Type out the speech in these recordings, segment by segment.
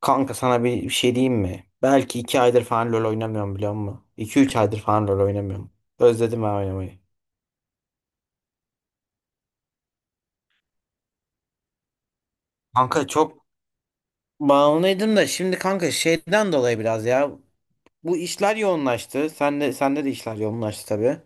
Kanka sana bir şey diyeyim mi? Belki 2 aydır falan LoL oynamıyorum biliyor musun? 2-3 aydır falan LoL oynamıyorum. Özledim ben oynamayı. Kanka çok bağımlıydım da şimdi kanka şeyden dolayı biraz ya. Bu işler yoğunlaştı. Sende de işler yoğunlaştı tabii.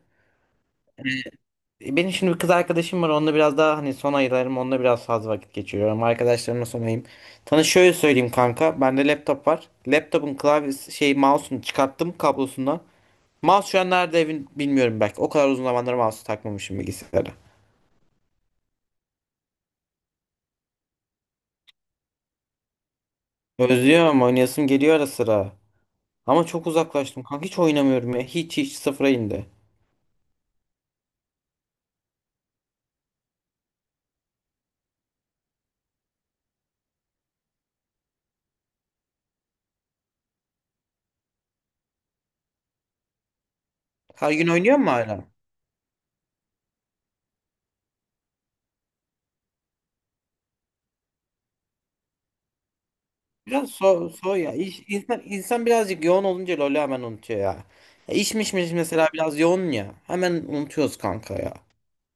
Benim şimdi bir kız arkadaşım var. Onunla biraz daha hani son aylarım onunla biraz fazla vakit geçiriyorum. Arkadaşlarımla son ayım. Sana şöyle söyleyeyim kanka. Bende laptop var. Laptopun klavyesi şey mouse'unu çıkarttım kablosundan. Mouse şu an nerede evin bilmiyorum belki. O kadar uzun zamandır mouse takmamışım bilgisayara. Özlüyorum oynayasım geliyor ara sıra. Ama çok uzaklaştım kanka hiç oynamıyorum ya. Hiç hiç sıfıra indi. Her gün oynuyor mu hala? Biraz ya. İş, insan birazcık yoğun olunca LoL'ü hemen unutuyor ya. Ya iş miş mesela biraz yoğun ya. Hemen unutuyoruz kanka ya.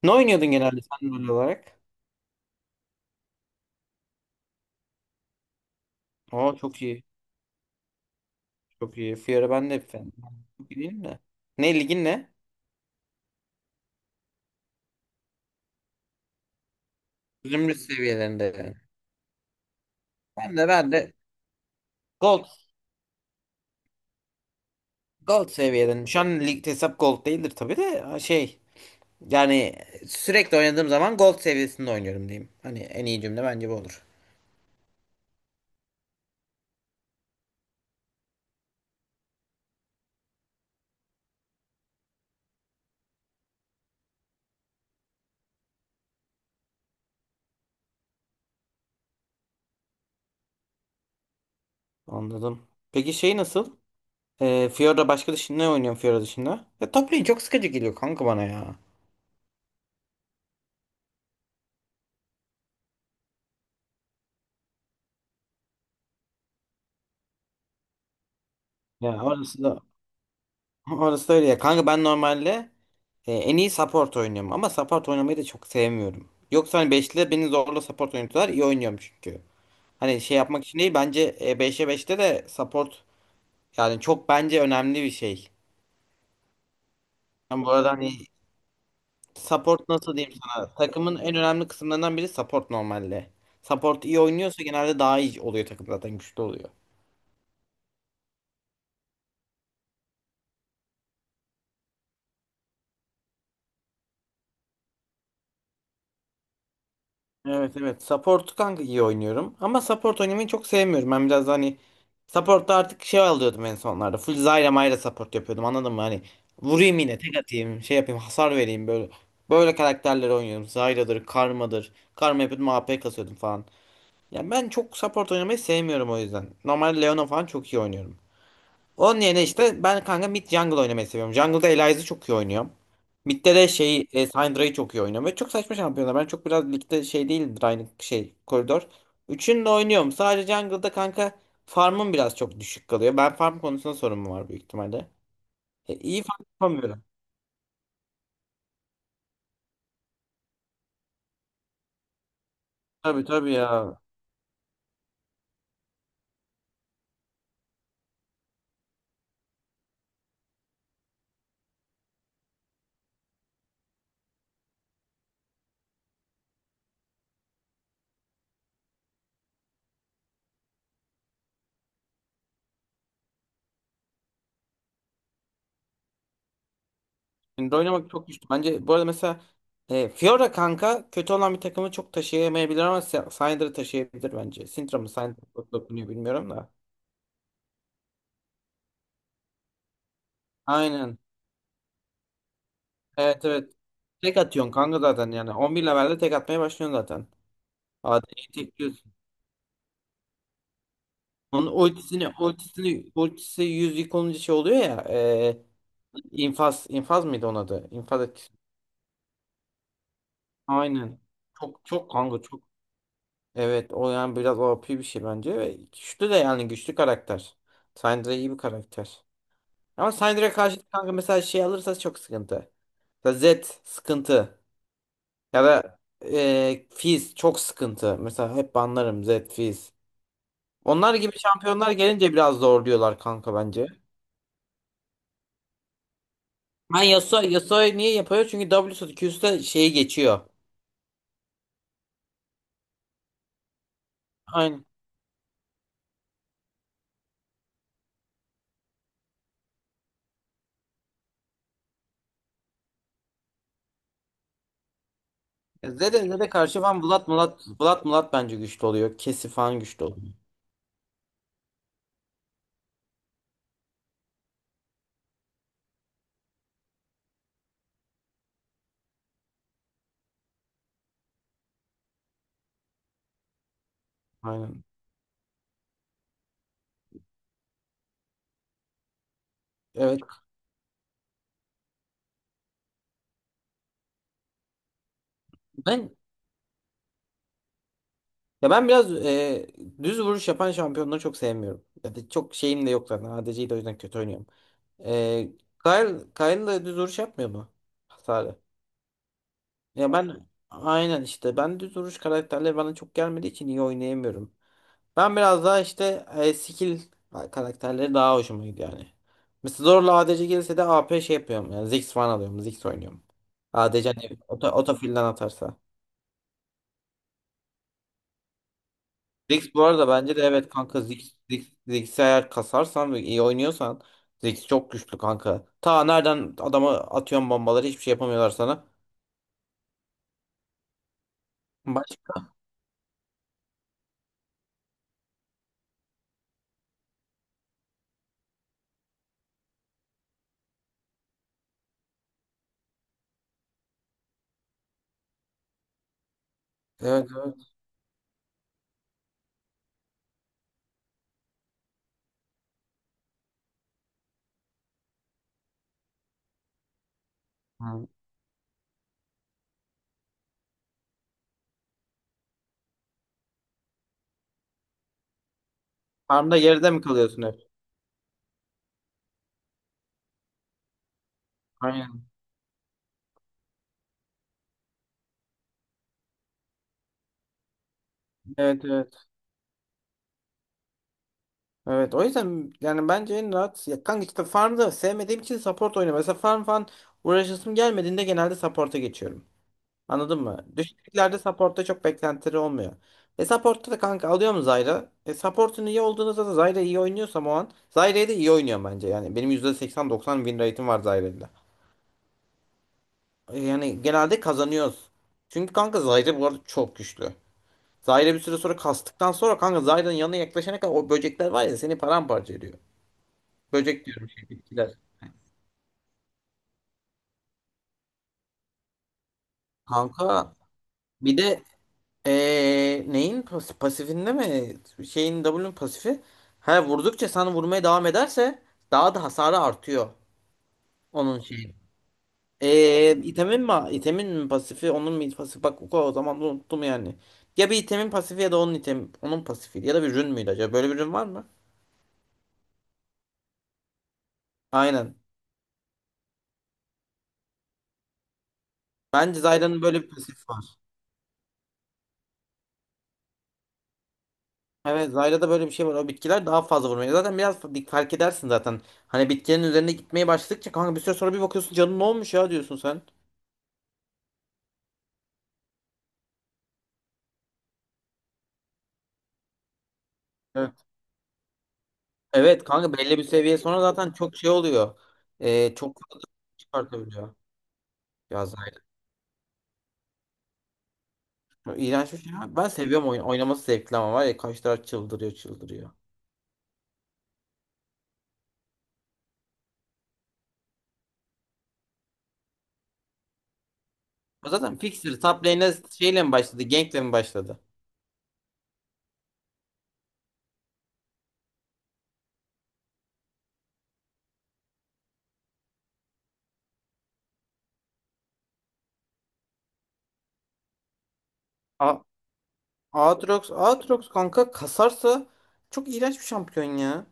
Ne oynuyordun genelde sen LoL olarak? Aa çok iyi. Çok iyi. Fiora ben de hep fan. Çok iyi değil mi? Ne ligin ne? Zümrüt seviyelerinde yani. Ben de Gold Gold seviyeden. Şu an ligde hesap gold değildir tabii de yani sürekli oynadığım zaman gold seviyesinde oynuyorum diyeyim. Hani en iyi cümle bence bu olur. Anladım. Peki şey nasıl? Fiora başka dışında ne oynuyorsun Fiora dışında? Ya top lane çok sıkıcı geliyor kanka bana ya. Ya orası da öyle ya. Kanka ben normalde en iyi support oynuyorum ama support oynamayı da çok sevmiyorum. Yoksa hani 5'te beni zorla support oynatıyorlar iyi oynuyorum çünkü. Hani şey yapmak için değil bence 5'e beşte de support. Yani çok bence önemli bir şey. Ben bu arada hani support nasıl diyeyim sana? Takımın en önemli kısımlarından biri support normalde. Support iyi oynuyorsa genelde daha iyi oluyor takım zaten güçlü oluyor. Evet, evet. Support kanka iyi oynuyorum. Ama support oynamayı çok sevmiyorum. Ben biraz da hani support'ta artık şey alıyordum en sonlarda. Full Zyra Mayra support yapıyordum anladın mı? Hani vurayım yine tek atayım şey yapayım hasar vereyim böyle. Böyle karakterleri oynuyorum. Zyra'dır, Karma'dır. Karma yapıyordum AP kasıyordum falan. Ya ben çok support oynamayı sevmiyorum o yüzden. Normal Leona falan çok iyi oynuyorum. Onun yerine işte ben kanka mid jungle oynamayı seviyorum. Jungle'da Elias'ı çok iyi oynuyorum. Mid'de de şey Syndra'yı çok iyi oynuyorum. Ve çok saçma şampiyonlar. Ben çok biraz ligde şey değil aynı şey koridor. Üçünü de oynuyorum. Sadece jungle'da kanka farmım biraz çok düşük kalıyor. Ben farm konusunda sorunum var büyük ihtimalle. İyi farm yapamıyorum. Tabii, tabii ya. Şimdi oynamak çok güçlü. Bence bu arada mesela Fiora kanka kötü olan bir takımı çok taşıyamayabilir ama Syndra taşıyabilir bence. Syndra mı Syndra mı dokunuyor bilmiyorum da. Aynen. Evet, evet. Tek atıyorsun kanka zaten yani. 11 levelde tek atmaya başlıyorsun zaten. AD'yi tekliyorsun. Onun ultisi 100 yık olunca şey oluyor ya. İnfaz mıydı onun adı? İnfaz etkisi. Aynen. Çok çok kanka çok. Evet o yani biraz o OP bir şey bence. Ve güçlü de yani güçlü karakter. Syndra iyi bir karakter. Ama Syndra'ya karşı kanka mesela şey alırsa çok sıkıntı. Mesela Zed sıkıntı. Ya da Fizz çok sıkıntı. Mesela hep banlarım Zed, Fizz. Onlar gibi şampiyonlar gelince biraz zorluyorlar kanka bence. Yasuo'yu niye yapıyor? Çünkü W'su Q'su şeyi geçiyor. Aynen. Zed'e karşı falan Vlad Mulat bence güçlü oluyor. Kesi falan güçlü oluyor. Aynen. Evet. Ben Ya ben biraz düz vuruş yapan şampiyonları çok sevmiyorum. Ya da çok şeyim de yok zaten. ADC'yi de o yüzden kötü oynuyorum. E, Kayn da düz vuruş yapmıyor mu? Hasarı. Ya ben aynen işte ben düz vuruş karakterleri bana çok gelmediği için iyi oynayamıyorum. Ben biraz daha işte skill karakterleri daha hoşuma gidiyor yani. Mesela zorla ADC gelirse de AP şey yapıyorum. Yani Ziggs falan alıyorum. Ziggs oynuyorum. ADC hani otofilden atarsa. Ziggs bu arada bence de evet kanka Ziggs'i eğer kasarsan ve iyi oynuyorsan Ziggs çok güçlü kanka. Ta nereden adama atıyorsun bombaları hiçbir şey yapamıyorlar sana. Baş... Evet, evet. Hı. Farmda geride mi kalıyorsun hep? Aynen. Evet, evet. Evet o yüzden yani bence en rahat ya kanka işte farmda sevmediğim için support oynuyorum. Mesela farm falan uğraşasım gelmediğinde genelde support'a geçiyorum. Anladın mı? Düşüklerde supportta çok beklentileri olmuyor. Supportta da kanka alıyor mu Zyra? Supportun iyi olduğunuzda da Zyra iyi oynuyorsam o an Zyra'yı da iyi oynuyor bence. Yani benim %80-90 win rate'im var Zyra'yla. Yani genelde kazanıyoruz. Çünkü kanka Zyra bu arada çok güçlü. Zyra bir süre sonra kastıktan sonra kanka Zyra'nın yanına yaklaşana kadar o böcekler var ya seni paramparça ediyor. Böcek diyorum şey bitkiler. Kanka bir de neyin pasifinde mi? Şeyin W'nun pasifi. Ha vurdukça sana vurmaya devam ederse daha da hasarı artıyor onun şeyin. İtemin mi? İtemin mi pasifi? Onun mu pasifi? Bak o zaman da unuttum yani. Ya bir itemin pasifi ya da onun item onun pasifi ya da bir rün müydü acaba? Böyle bir rün var mı? Aynen. Bence Zyra'nın böyle bir pasifi var. Evet Zyra'da böyle bir şey var. O bitkiler daha fazla vurmaya. Zaten biraz fark edersin zaten. Hani bitkilerin üzerine gitmeye başladıkça kanka bir süre sonra bir bakıyorsun canın ne olmuş ya diyorsun sen. Evet kanka belli bir seviye sonra zaten çok şey oluyor. Çok fazla çıkartabiliyor. Ya zaten iğrenç bir şey. Ama ben seviyorum oyun. Oynaması zevkli ama var ya kaç taraf çıldırıyor çıldırıyor. O zaten Fixer top lane'e şeyle mi başladı? Gank'le mi başladı? A Aatrox kanka kasarsa çok iğrenç bir şampiyon ya.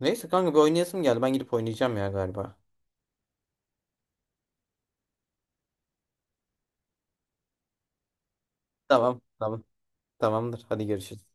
Neyse kanka bir oynayasım geldi. Ben gidip oynayacağım ya galiba. Tamam, tamam, tamamdır. Hadi görüşürüz.